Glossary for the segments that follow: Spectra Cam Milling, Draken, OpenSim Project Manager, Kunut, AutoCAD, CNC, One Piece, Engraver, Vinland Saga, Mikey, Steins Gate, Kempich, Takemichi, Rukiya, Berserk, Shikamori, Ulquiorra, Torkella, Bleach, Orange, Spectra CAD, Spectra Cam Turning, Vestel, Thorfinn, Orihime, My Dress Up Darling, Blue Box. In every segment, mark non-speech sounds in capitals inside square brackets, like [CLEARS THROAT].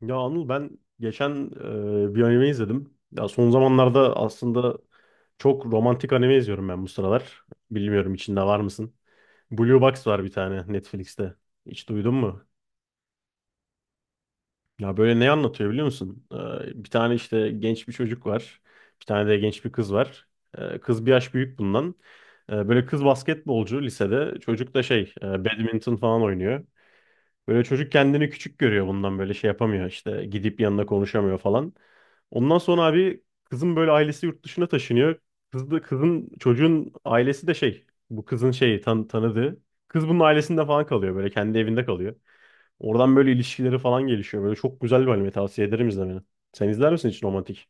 Ya Anıl ben geçen bir anime izledim. Ya son zamanlarda aslında çok romantik anime izliyorum ben bu sıralar. Bilmiyorum içinde var mısın? Blue Box var bir tane Netflix'te. Hiç duydun mu? Ya böyle ne anlatıyor biliyor musun? Bir tane işte genç bir çocuk var. Bir tane de genç bir kız var. Kız bir yaş büyük bundan. Böyle kız basketbolcu lisede. Çocuk da şey badminton falan oynuyor. Böyle çocuk kendini küçük görüyor bundan böyle şey yapamıyor işte gidip yanına konuşamıyor falan. Ondan sonra abi kızın böyle ailesi yurt dışına taşınıyor. Kız da, kızın çocuğun ailesi de şey bu kızın şeyi tanıdığı. Kız bunun ailesinde falan kalıyor böyle kendi evinde kalıyor. Oradan böyle ilişkileri falan gelişiyor. Böyle çok güzel bir anime tavsiye ederim izlemeni. Sen izler misin hiç romantik?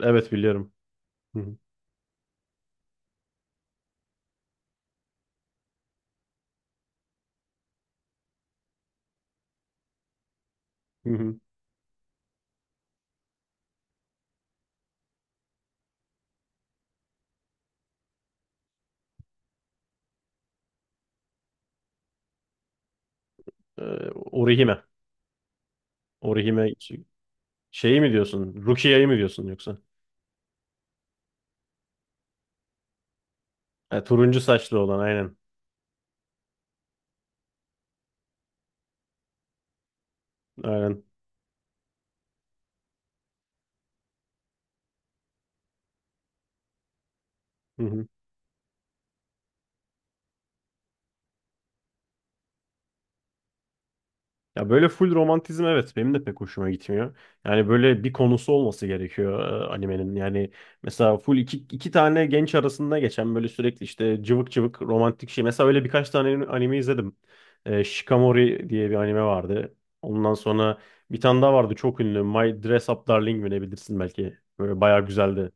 Evet, biliyorum. Hı hı. Hı hı. Orihime. Orihime şey, şeyi mi diyorsun? Rukiye'yi mi diyorsun yoksa? Ha, turuncu saçlı olan aynen. Aynen. Hı hı. Ya böyle full romantizm, evet benim de pek hoşuma gitmiyor. Yani böyle bir konusu olması gerekiyor animenin. Yani mesela full iki tane genç arasında geçen böyle sürekli işte cıvık cıvık romantik şey. Mesela öyle birkaç tane anime izledim. Shikamori diye bir anime vardı. Ondan sonra bir tane daha vardı çok ünlü. My Dress Up Darling mi ne, bilirsin belki. Böyle bayağı güzeldi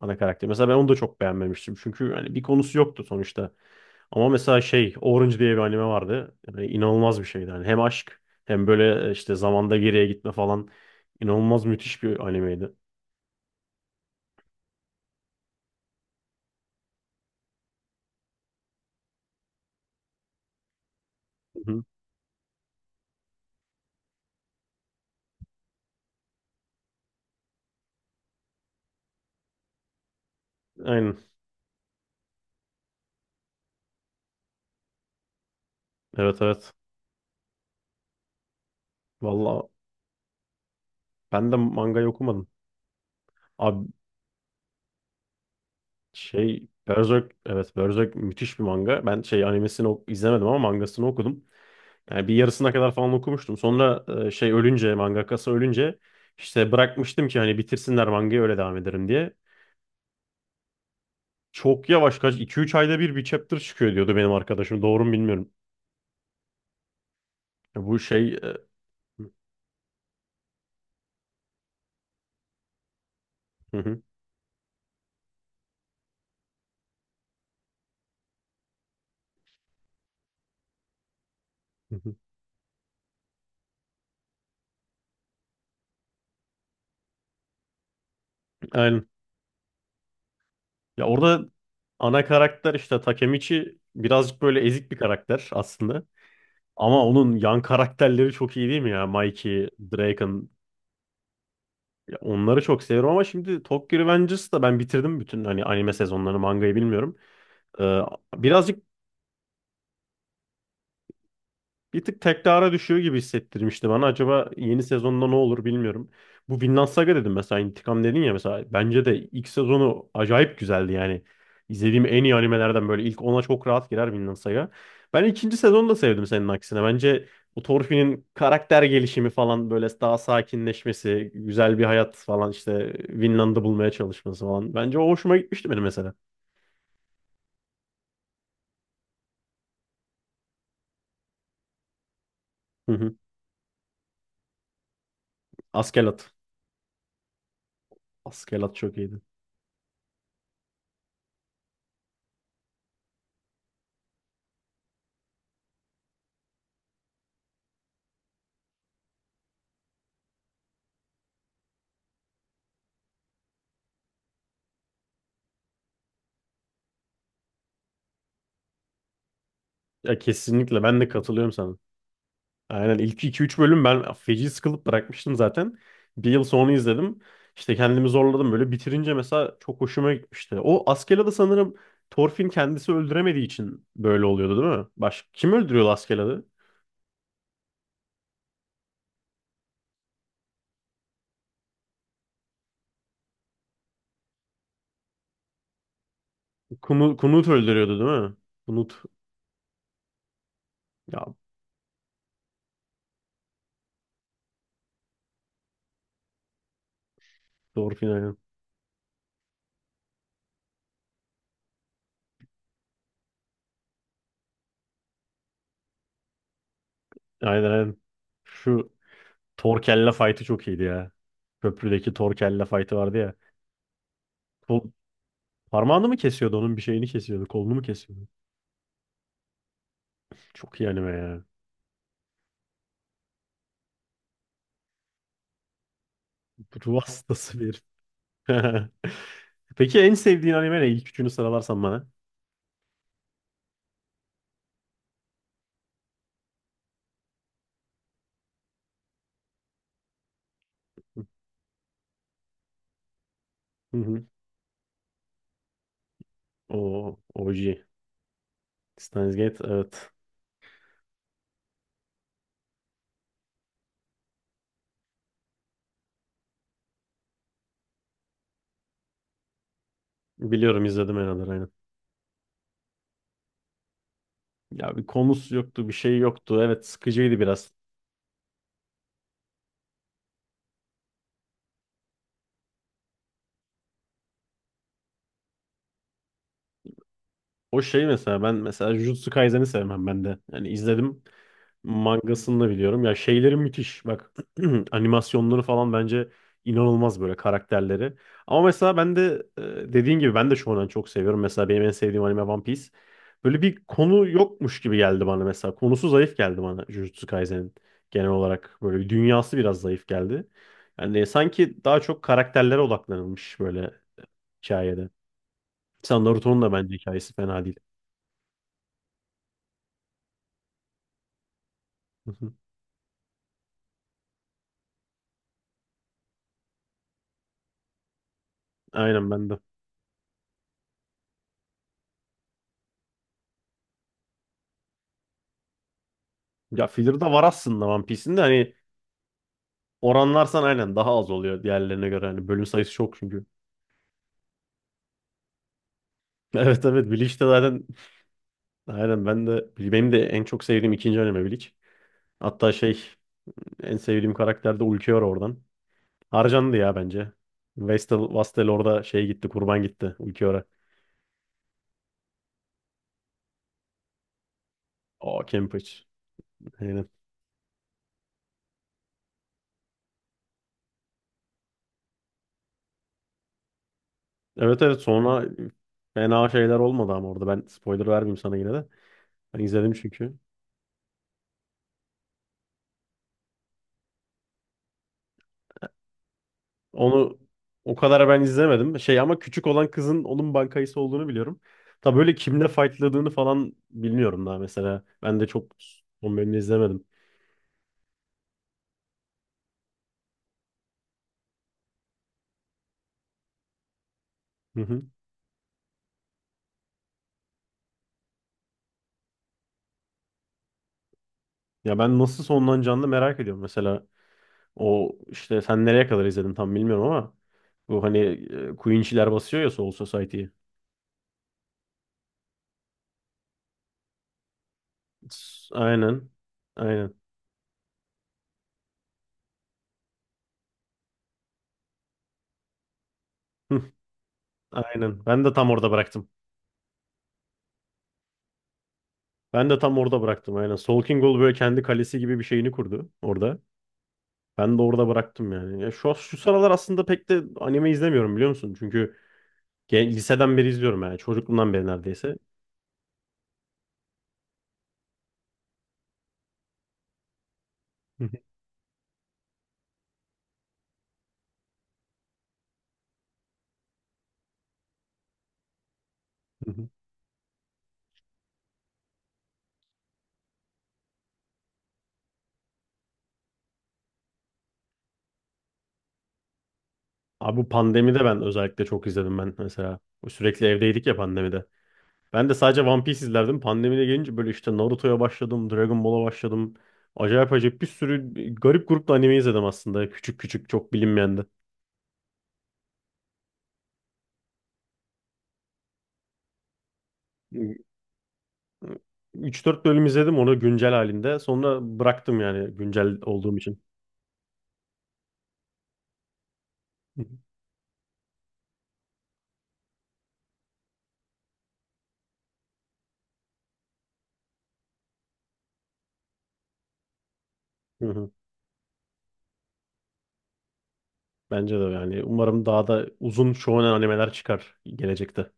ana karakter. Mesela ben onu da çok beğenmemiştim. Çünkü hani bir konusu yoktu sonuçta. Ama mesela şey Orange diye bir anime vardı. Yani inanılmaz bir şeydi. Yani hem aşk hem böyle işte zamanda geriye gitme falan. İnanılmaz müthiş bir animeydi. Hı hı. Aynen. Evet, evet. Valla ben de mangayı okumadım. Abi şey Berserk, evet Berserk müthiş bir manga. Ben şey animesini izlemedim ama mangasını okudum. Yani bir yarısına kadar falan okumuştum. Sonra e, şey ölünce mangakası ölünce işte bırakmıştım ki hani bitirsinler mangayı öyle devam ederim diye. Çok yavaş, kaç 2-3 ayda bir, bir chapter çıkıyor diyordu benim arkadaşım. Doğru mu bilmiyorum. Ya, hı hı, hı hı. Aynen. Ya orada ana karakter işte Takemichi birazcık böyle ezik bir karakter aslında. Ama onun yan karakterleri çok iyi değil mi ya? Mikey, Draken. Ya onları çok seviyorum ama şimdi Tokyo Revengers'ı da ben bitirdim bütün hani anime sezonlarını, mangayı bilmiyorum. Ee, birazcık Bir tık tekrara düşüyor gibi hissettirmişti bana. Acaba yeni sezonda ne olur bilmiyorum. Bu Vinland Saga dedim mesela, intikam dedin ya mesela. Bence de ilk sezonu acayip güzeldi yani. İzlediğim en iyi animelerden, böyle ilk 10'a çok rahat girer Vinland Saga. Ben ikinci sezonu da sevdim senin aksine. Bence bu Thorfinn'in karakter gelişimi falan, böyle daha sakinleşmesi, güzel bir hayat falan, işte Vinland'ı bulmaya çalışması falan. Bence o hoşuma gitmişti benim mesela. Hı hı. Askelat. Askelat çok iyiydi. Ya kesinlikle, ben de katılıyorum sana. Aynen, ilk 2-3 bölüm ben feci sıkılıp bırakmıştım zaten. Bir yıl sonra izledim. İşte kendimi zorladım, böyle bitirince mesela çok hoşuma gitmişti. O Askeladd'i sanırım Thorfinn kendisi öldüremediği için böyle oluyordu, değil mi? Baş kim öldürüyordu Askeladd'i? Kunut öldürüyordu değil mi? Kunut. Ya Thorfinn, aynen. Aynen, aynen. Şu Torkella fight'ı çok iyiydi ya. Köprüdeki Torkella fight'ı vardı ya. Kol, parmağını mı kesiyordu, onun bir şeyini kesiyordu. Kolunu mu kesiyordu? Çok iyi anime ya. Ruh hastası bir. [LAUGHS] Peki en sevdiğin anime ne? İlk üçünü sıralarsan bana. Hı hı. O OG. Steins Gate evet. Biliyorum, izledim herhalde aynen. Ya bir konusu yoktu, bir şey yoktu. Evet sıkıcıydı biraz. O şey mesela, ben mesela Jujutsu Kaisen'i sevmem ben de. Yani izledim. Mangasını da biliyorum. Ya şeyleri müthiş. Bak, [CLEARS THROAT] animasyonları falan bence inanılmaz, böyle karakterleri. Ama mesela ben de dediğin gibi ben de shonen çok seviyorum. Mesela benim en sevdiğim anime One Piece. Böyle bir konu yokmuş gibi geldi bana mesela. Konusu zayıf geldi bana Jujutsu Kaisen'in genel olarak. Böyle bir dünyası biraz zayıf geldi. Yani sanki daha çok karakterlere odaklanılmış böyle hikayede. Mesela Naruto'nun da bence hikayesi fena değil. [LAUGHS] Aynen ben de. Ya filler de var aslında One Piece'in de hani, oranlarsan aynen daha az oluyor diğerlerine göre. Hani bölüm sayısı çok çünkü. [LAUGHS] Evet evet, Bleach de zaten aynen, ben de, benim de en çok sevdiğim ikinci anime Bleach. Hatta şey, en sevdiğim karakter de Ulquiorra oradan. Harcandı ya bence. Vastel orada şey gitti, kurban gitti Ulquiorra. O Kempich. Aynen. Evet evet, sonra fena şeyler olmadı ama orada ben spoiler vermeyeyim sana yine de. Ben izledim çünkü. Onu o kadar ben izlemedim. Şey, ama küçük olan kızın onun bankayısı olduğunu biliyorum. Tabii böyle kimle fightladığını falan bilmiyorum daha mesela. Ben de çok son bölümünü izlemedim. Hı hı. Ya ben nasıl sonlanacağını da merak ediyorum mesela. O işte sen nereye kadar izledin tam bilmiyorum ama bu hani Queen'çiler basıyor ya Soul Society'yi. Aynen. Aynen. Hı. Aynen. Ben de tam orada bıraktım. Ben de tam orada bıraktım aynen. Sol King Gol böyle kendi kalesi gibi bir şeyini kurdu orada. Ben de orada bıraktım yani. Ya şu sıralar aslında pek de anime izlemiyorum biliyor musun? Çünkü liseden beri izliyorum yani. Çocukluğumdan beri neredeyse. Hı hı, hı hı. Abi bu pandemide ben özellikle çok izledim ben mesela. Sürekli evdeydik ya pandemide. Ben de sadece One Piece izlerdim. Pandemide gelince böyle işte Naruto'ya başladım, Dragon Ball'a başladım. Acayip acayip bir sürü garip grupta anime izledim aslında. Küçük küçük çok bilinmeyen de. 3-4 bölüm izledim onu güncel halinde. Sonra bıraktım yani güncel olduğum için. Hı hı. Hı hı. Bence de yani umarım daha da uzun shonen animeler çıkar gelecekte.